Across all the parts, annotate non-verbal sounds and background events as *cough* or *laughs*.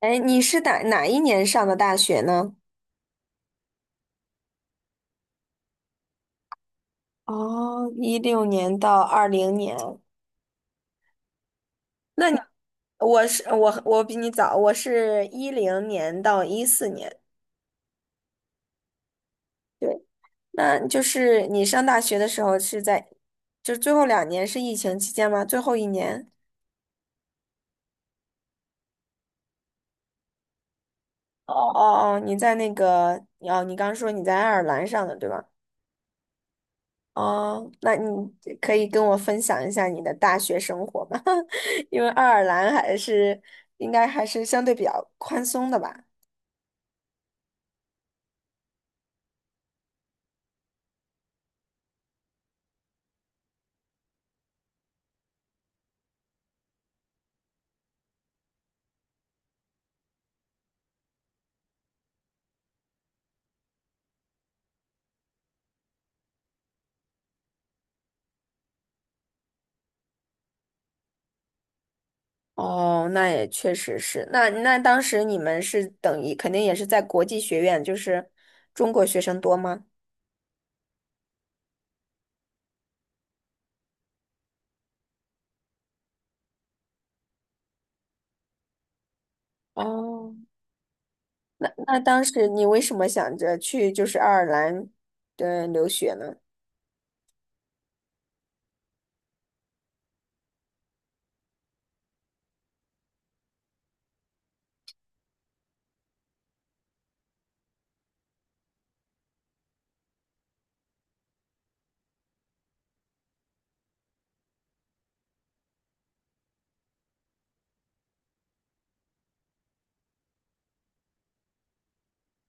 哎，你是哪一年上的大学呢？哦，一六年到二零年，那你。 *laughs* 我是我比你早，我是一零年到一四年。对，那就是你上大学的时候是在，就是最后两年是疫情期间吗？最后一年？哦哦哦，你在那个哦，你刚说你在爱尔兰上的对吧？哦，那你可以跟我分享一下你的大学生活吗？*laughs* 因为爱尔兰还是应该还是相对比较宽松的吧？哦，那也确实是。那当时你们是等于肯定也是在国际学院，就是中国学生多吗？哦，那当时你为什么想着去就是爱尔兰的留学呢？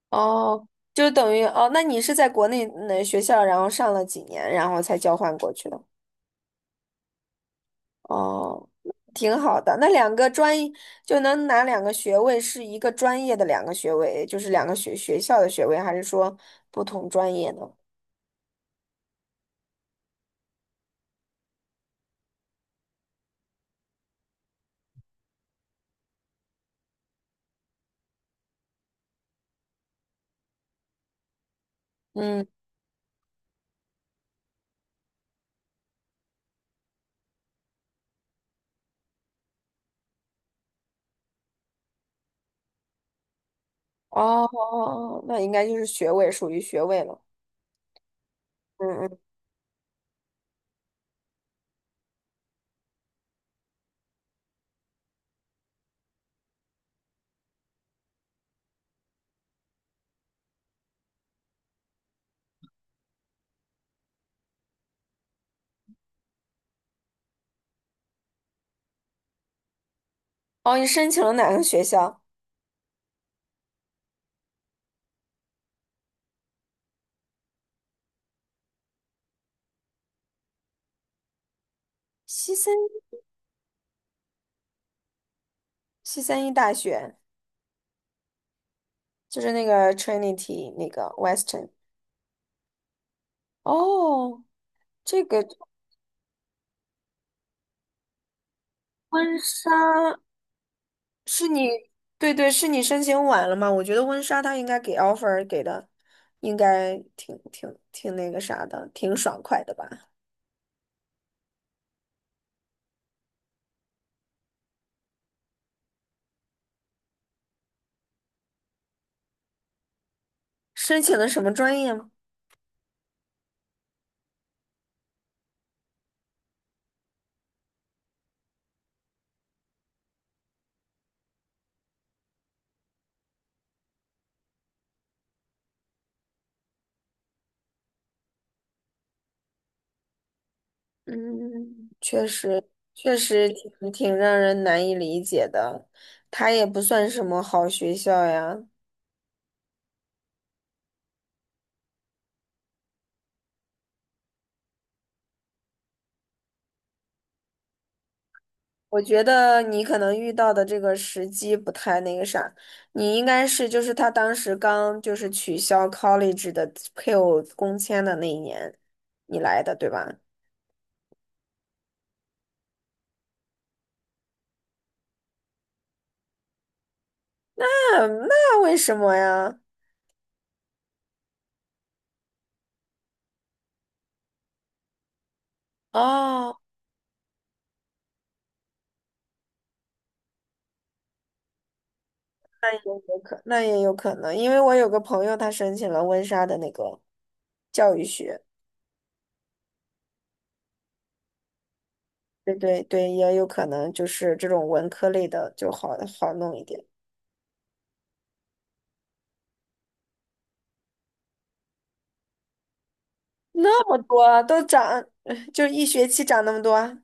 哦，就等于哦，那你是在国内那学校，然后上了几年，然后才交换过去的。哦，挺好的。那两个专就能拿两个学位，是一个专业的两个学位，就是两个学校的学位，还是说不同专业呢？嗯，哦，哦哦那应该就是学位，属于学位了。嗯嗯。哦，你申请了哪个学校？西三西三一大学，就是那个 Trinity 那个 Western。哦，这个婚纱。是你，对对，是你申请晚了嘛？我觉得温莎他应该给 offer 给的，应该挺那个啥的，挺爽快的吧？申请的什么专业吗？嗯，确实确实挺让人难以理解的。它也不算什么好学校呀。我觉得你可能遇到的这个时机不太那个啥，你应该是就是他当时刚就是取消 college 的配偶工签的那一年，你来的，对吧？嗯那那为什么呀？哦，有可那也有可能，因为我有个朋友，他申请了温莎的那个教育学，对对对，也有可能就是这种文科类的就好好弄一点。那么多都涨，*laughs* 就一学期涨那么多。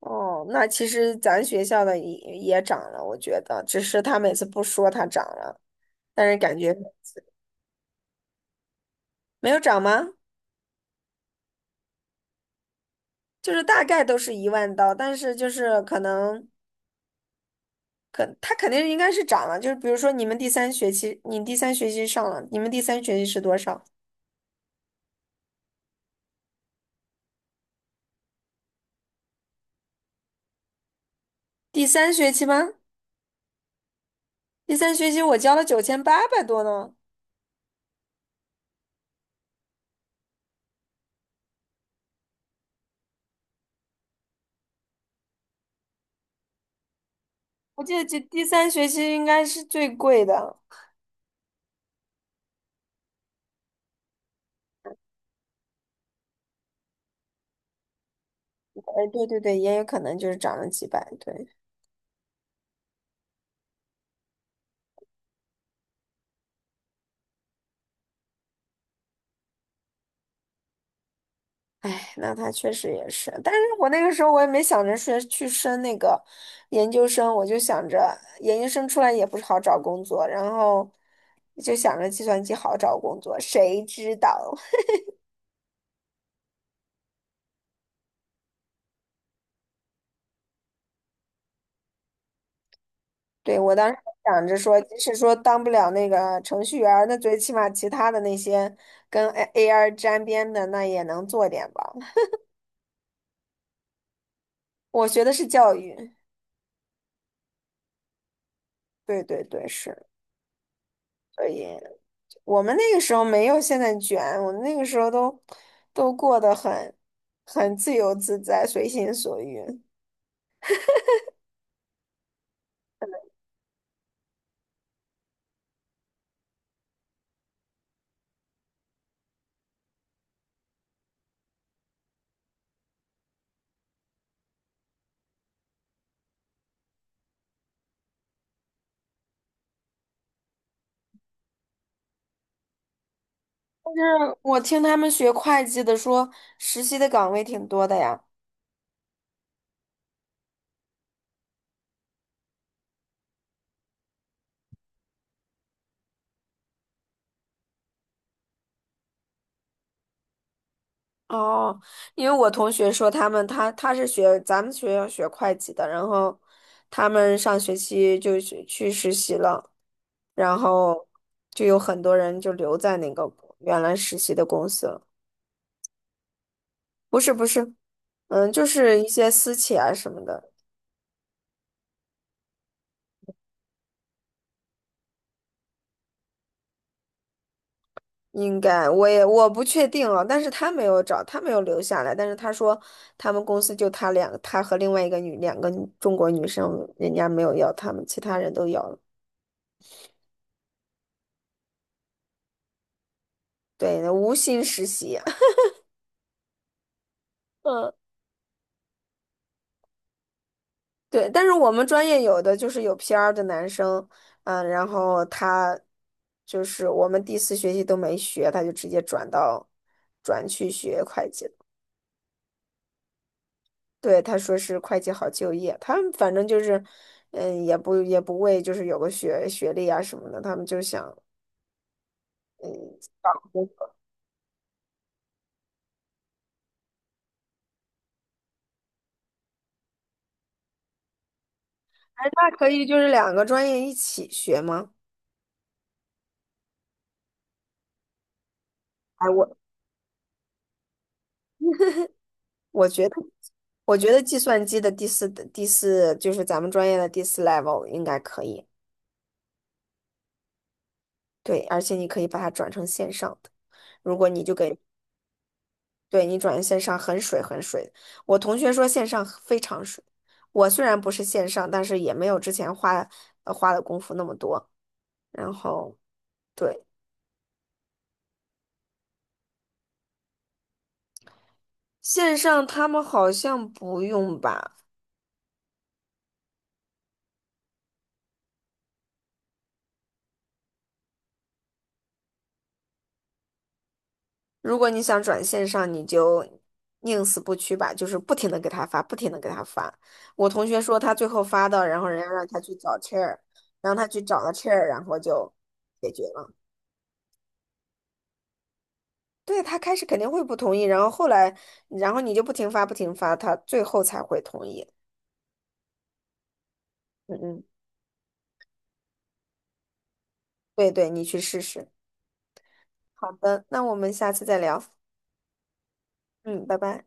哦，那其实咱学校的也涨了，我觉得，只是他每次不说它涨了，但是感觉没有涨吗？就是大概都是一万刀，但是就是可能。可他肯定应该是涨了，就是比如说你们第三学期，你第三学期上了，你们第三学期是多少？第三学期吗？第三学期我交了九千八百多呢，我记得这第三学期应该是最贵的。哎，对对对，也有可能就是涨了几百，对。哎，那他确实也是，但是我那个时候我也没想着说去升那个研究生，我就想着研究生出来也不是好找工作，然后就想着计算机好找工作，谁知道？对，我当时还想着说，即使说当不了那个程序员儿，那最起码其他的那些跟 A AR 沾边的，那也能做点吧。我学的是教育，对对对，是。所以我们那个时候没有现在卷，我们那个时候都过得很自由自在，随心所欲。但是我听他们学会计的说，实习的岗位挺多的呀。哦，因为我同学说他们他是学咱们学校学会计的，然后他们上学期就去实习了，然后就有很多人就留在那个原来实习的公司了。不是不是，嗯，就是一些私企啊什么的，应该我也我不确定啊，但是他没有找，他没有留下来，但是他说他们公司就他和另外一个两个女中国女生，人家没有要他们，其他人都要了。对，无心实习啊。嗯对，但是我们专业有的就是有 PR 的男生，嗯，然后他就是我们第四学期都没学，他就直接转到转去学会计了。对，他说是会计好就业，他们反正就是，嗯，也不为就是有个学学历啊什么的，他们就想，嗯，哎，那可以就是两个专业一起学吗？哎，我觉得计算机的第四就是咱们专业的第四 level 应该可以。对，而且你可以把它转成线上的。如果你就给，对，你转成线上很水的。我同学说线上非常水。我虽然不是线上，但是也没有之前花花的功夫那么多。然后对，线上他们好像不用吧？如果你想转线上，你就宁死不屈吧，就是不停的给他发，不停的给他发。我同学说他最后发的，然后人家让他去找 chair，让他去找了 chair，然后就解决了。对，他开始肯定会不同意，然后后来，然后你就不停发，他最后才会同意。嗯嗯，对对，你去试试。好的，那我们下次再聊。嗯，拜拜。